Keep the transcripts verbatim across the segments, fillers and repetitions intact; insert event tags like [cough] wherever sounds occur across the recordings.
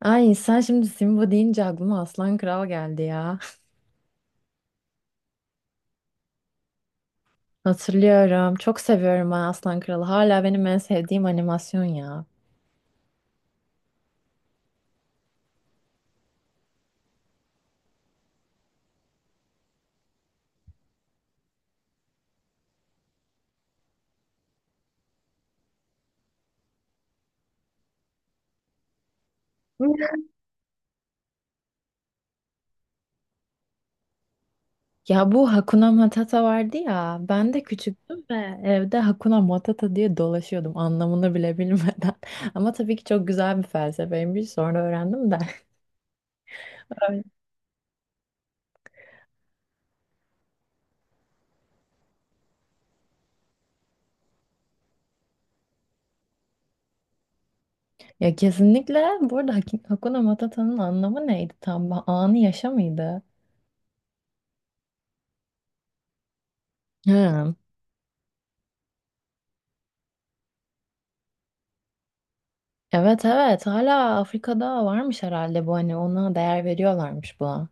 Ay sen şimdi Simba deyince aklıma Aslan Kral geldi ya. [laughs] Hatırlıyorum. Çok seviyorum ben Aslan Kral'ı. Hala benim en sevdiğim animasyon ya. Ya bu Hakuna Matata vardı ya. Ben de küçüktüm ve evde Hakuna Matata diye dolaşıyordum anlamını bile bilmeden. [laughs] Ama tabii ki çok güzel bir felsefeymiş. Sonra öğrendim de. [laughs] Öyle. Ya kesinlikle bu arada Hak- Hakuna Matata'nın anlamı neydi tam? Anı yaşa mıydı? Hı. Evet evet hala Afrika'da varmış herhalde bu hani ona değer veriyorlarmış buna.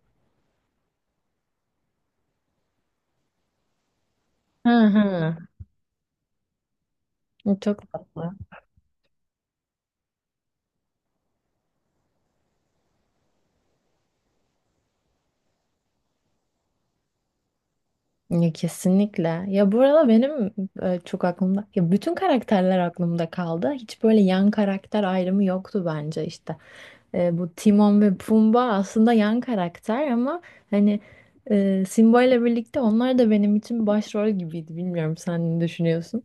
Hı hı. Çok tatlı. Ya, kesinlikle. Ya bu arada benim e, çok aklımda ya bütün karakterler aklımda kaldı. Hiç böyle yan karakter ayrımı yoktu bence işte. E, bu Timon ve Pumba aslında yan karakter ama hani e, Simba ile birlikte onlar da benim için başrol gibiydi. Bilmiyorum sen ne düşünüyorsun?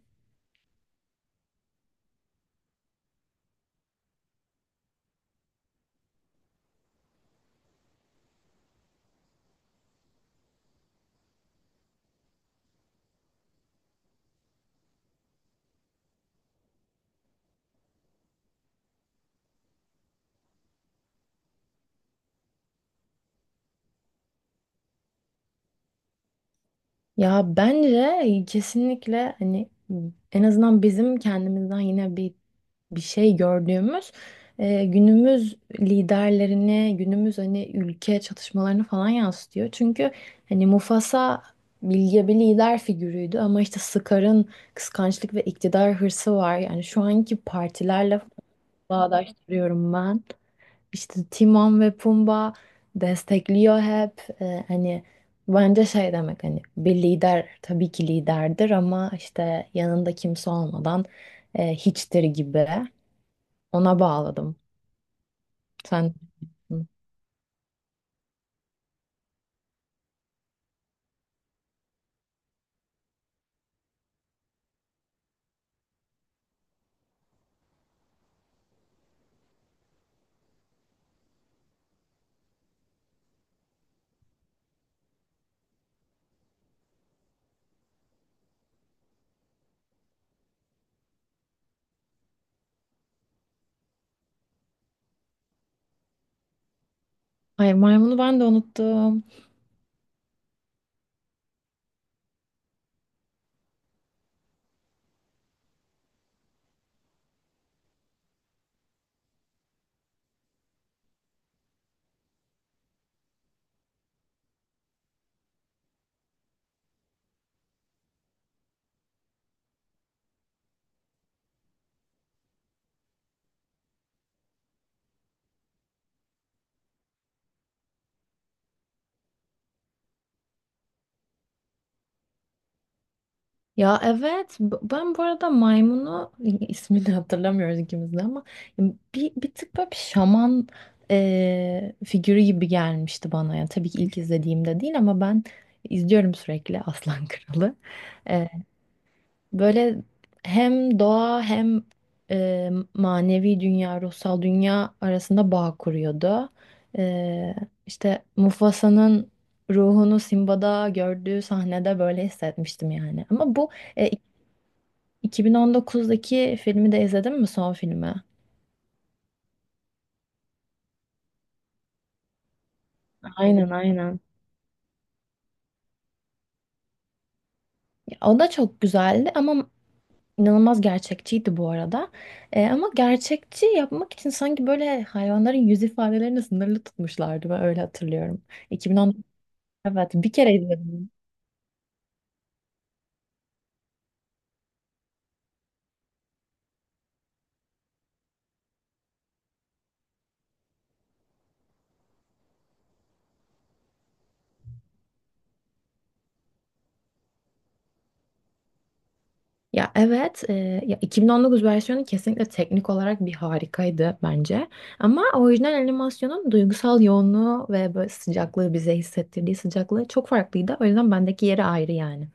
Ya bence kesinlikle hani en azından bizim kendimizden yine bir bir şey gördüğümüz e, günümüz liderlerini, günümüz hani ülke çatışmalarını falan yansıtıyor. Çünkü hani Mufasa bilge bir lider figürüydü ama işte Scar'ın kıskançlık ve iktidar hırsı var. Yani şu anki partilerle bağdaştırıyorum ben. İşte Timon ve Pumba destekliyor hep. Ee, hani bence şey demek hani bir lider tabii ki liderdir ama işte yanında kimse olmadan e, hiçtir gibi. Ona bağladım. Sen. Hayır, maymunu ben de unuttum. Ya evet b- ben bu arada maymunu [laughs] ismini hatırlamıyoruz ikimiz de ama bir, bir tık böyle bir şaman e, figürü gibi gelmişti bana. Yani tabii ki ilk izlediğimde değil ama ben izliyorum sürekli Aslan [laughs] Kralı. E, böyle hem doğa hem e, manevi dünya, ruhsal dünya arasında bağ kuruyordu. E, işte Mufasa'nın ruhunu Simba'da gördüğü sahnede böyle hissetmiştim yani. Ama bu iki bin on dokuzdaki filmi de izledin mi son filmi? Aynen aynen. Ya, O da çok güzeldi ama inanılmaz gerçekçiydi bu arada. Ee, ama gerçekçi yapmak için sanki böyle hayvanların yüz ifadelerini sınırlı tutmuşlardı. Ben öyle hatırlıyorum. iki bin on dokuz, evet, bir kere izledim. Ya evet e, ya iki bin on dokuz versiyonu kesinlikle teknik olarak bir harikaydı bence. Ama orijinal animasyonun duygusal yoğunluğu ve böyle sıcaklığı bize hissettirdiği sıcaklığı çok farklıydı. O yüzden bendeki yeri ayrı yani.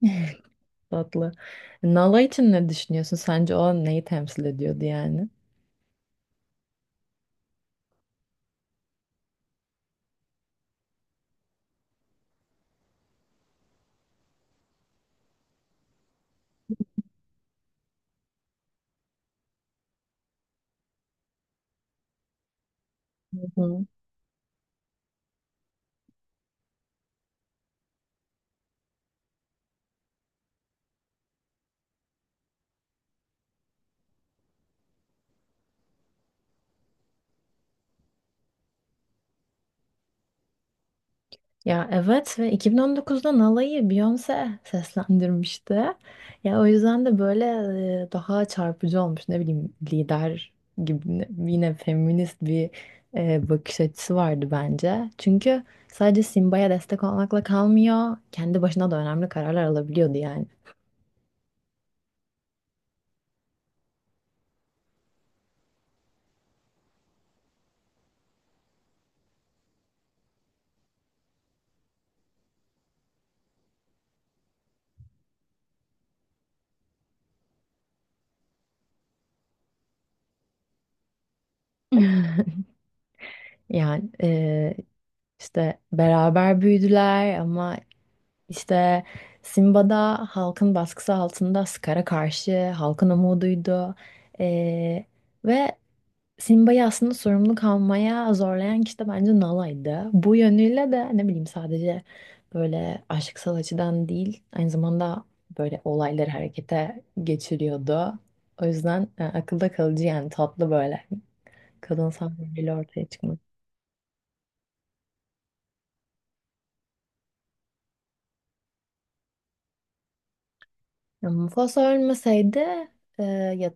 [laughs] Tatlı. Nala için ne düşünüyorsun? Sence o neyi temsil ediyordu yani? Hı hı. Ya evet ve iki bin on dokuzda Nala'yı Beyoncé seslendirmişti. Ya o yüzden de böyle e, daha çarpıcı olmuş. Ne bileyim lider gibi ne- yine feminist bir e, bakış açısı vardı bence. Çünkü sadece Simba'ya destek olmakla kalmıyor. Kendi başına da önemli kararlar alabiliyordu yani. [laughs] Yani e, işte beraber büyüdüler ama İşte Simba'da halkın baskısı altında Scar'a karşı halkın umuduydu. Ee, ve Simba'yı aslında sorumluluk almaya zorlayan kişi de bence Nala'ydı. Bu yönüyle de ne bileyim sadece böyle aşksal açıdan değil aynı zamanda böyle olayları harekete geçiriyordu. O yüzden e, akılda kalıcı yani tatlı böyle kadınsal bir ortaya çıkmış. Ya Mufasa ölmeseydi e, ya,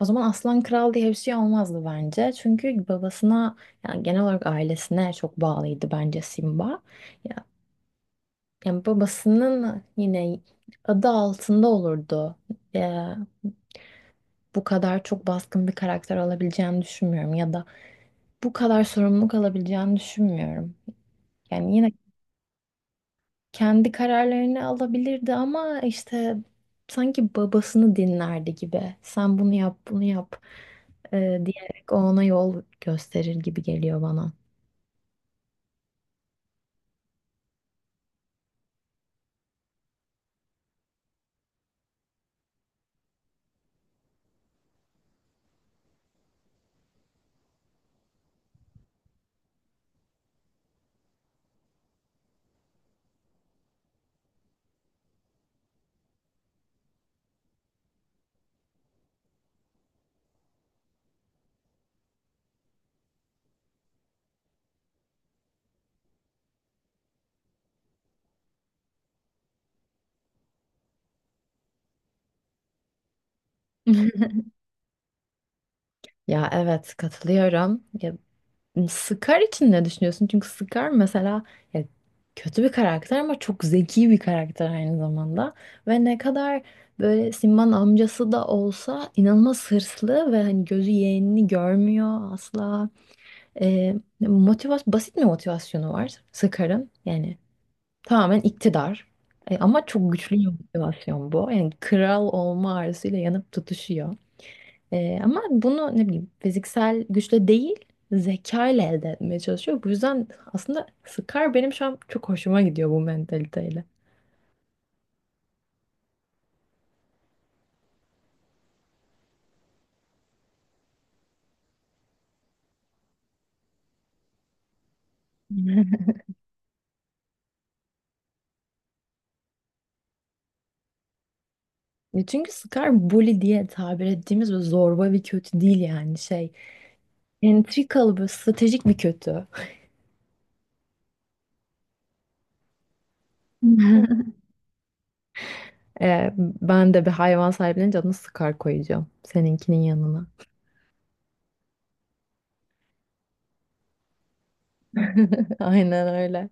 o zaman Aslan Kral diye bir şey olmazdı bence. Çünkü babasına yani genel olarak ailesine çok bağlıydı bence Simba. Ya, yani babasının yine adı altında olurdu. E, bu kadar çok baskın bir karakter olabileceğini düşünmüyorum ya da bu kadar sorumluluk alabileceğini düşünmüyorum. Yani yine kendi kararlarını alabilirdi ama işte sanki babasını dinlerdi gibi. Sen bunu yap, bunu yap e, diyerek o ona yol gösterir gibi geliyor bana. [laughs] Ya evet katılıyorum. Ya, Scar için ne düşünüyorsun? Çünkü Scar mesela ya, kötü bir karakter ama çok zeki bir karakter aynı zamanda. Ve ne kadar böyle Simba'nın amcası da olsa inanılmaz hırslı ve hani gözü yeğenini görmüyor asla. Ee, motivasyon, basit bir motivasyonu var Sıkarın, Yani tamamen iktidar. E, ama çok güçlü bir motivasyon bu. Yani kral olma arzusuyla yanıp tutuşuyor. E, ama bunu ne bileyim fiziksel güçle değil zeka ile elde etmeye çalışıyor. Bu yüzden aslında Scar benim şu an çok hoşuma gidiyor bu mentaliteyle. [laughs] E, Çünkü Scar bully diye tabir ettiğimiz böyle zorba bir kötü değil yani şey. Entrikalı böyle stratejik bir kötü. [laughs] Ee, ben de bir hayvan sahiplenince adını Sıkar koyacağım. Seninkinin yanına. [laughs] Aynen öyle.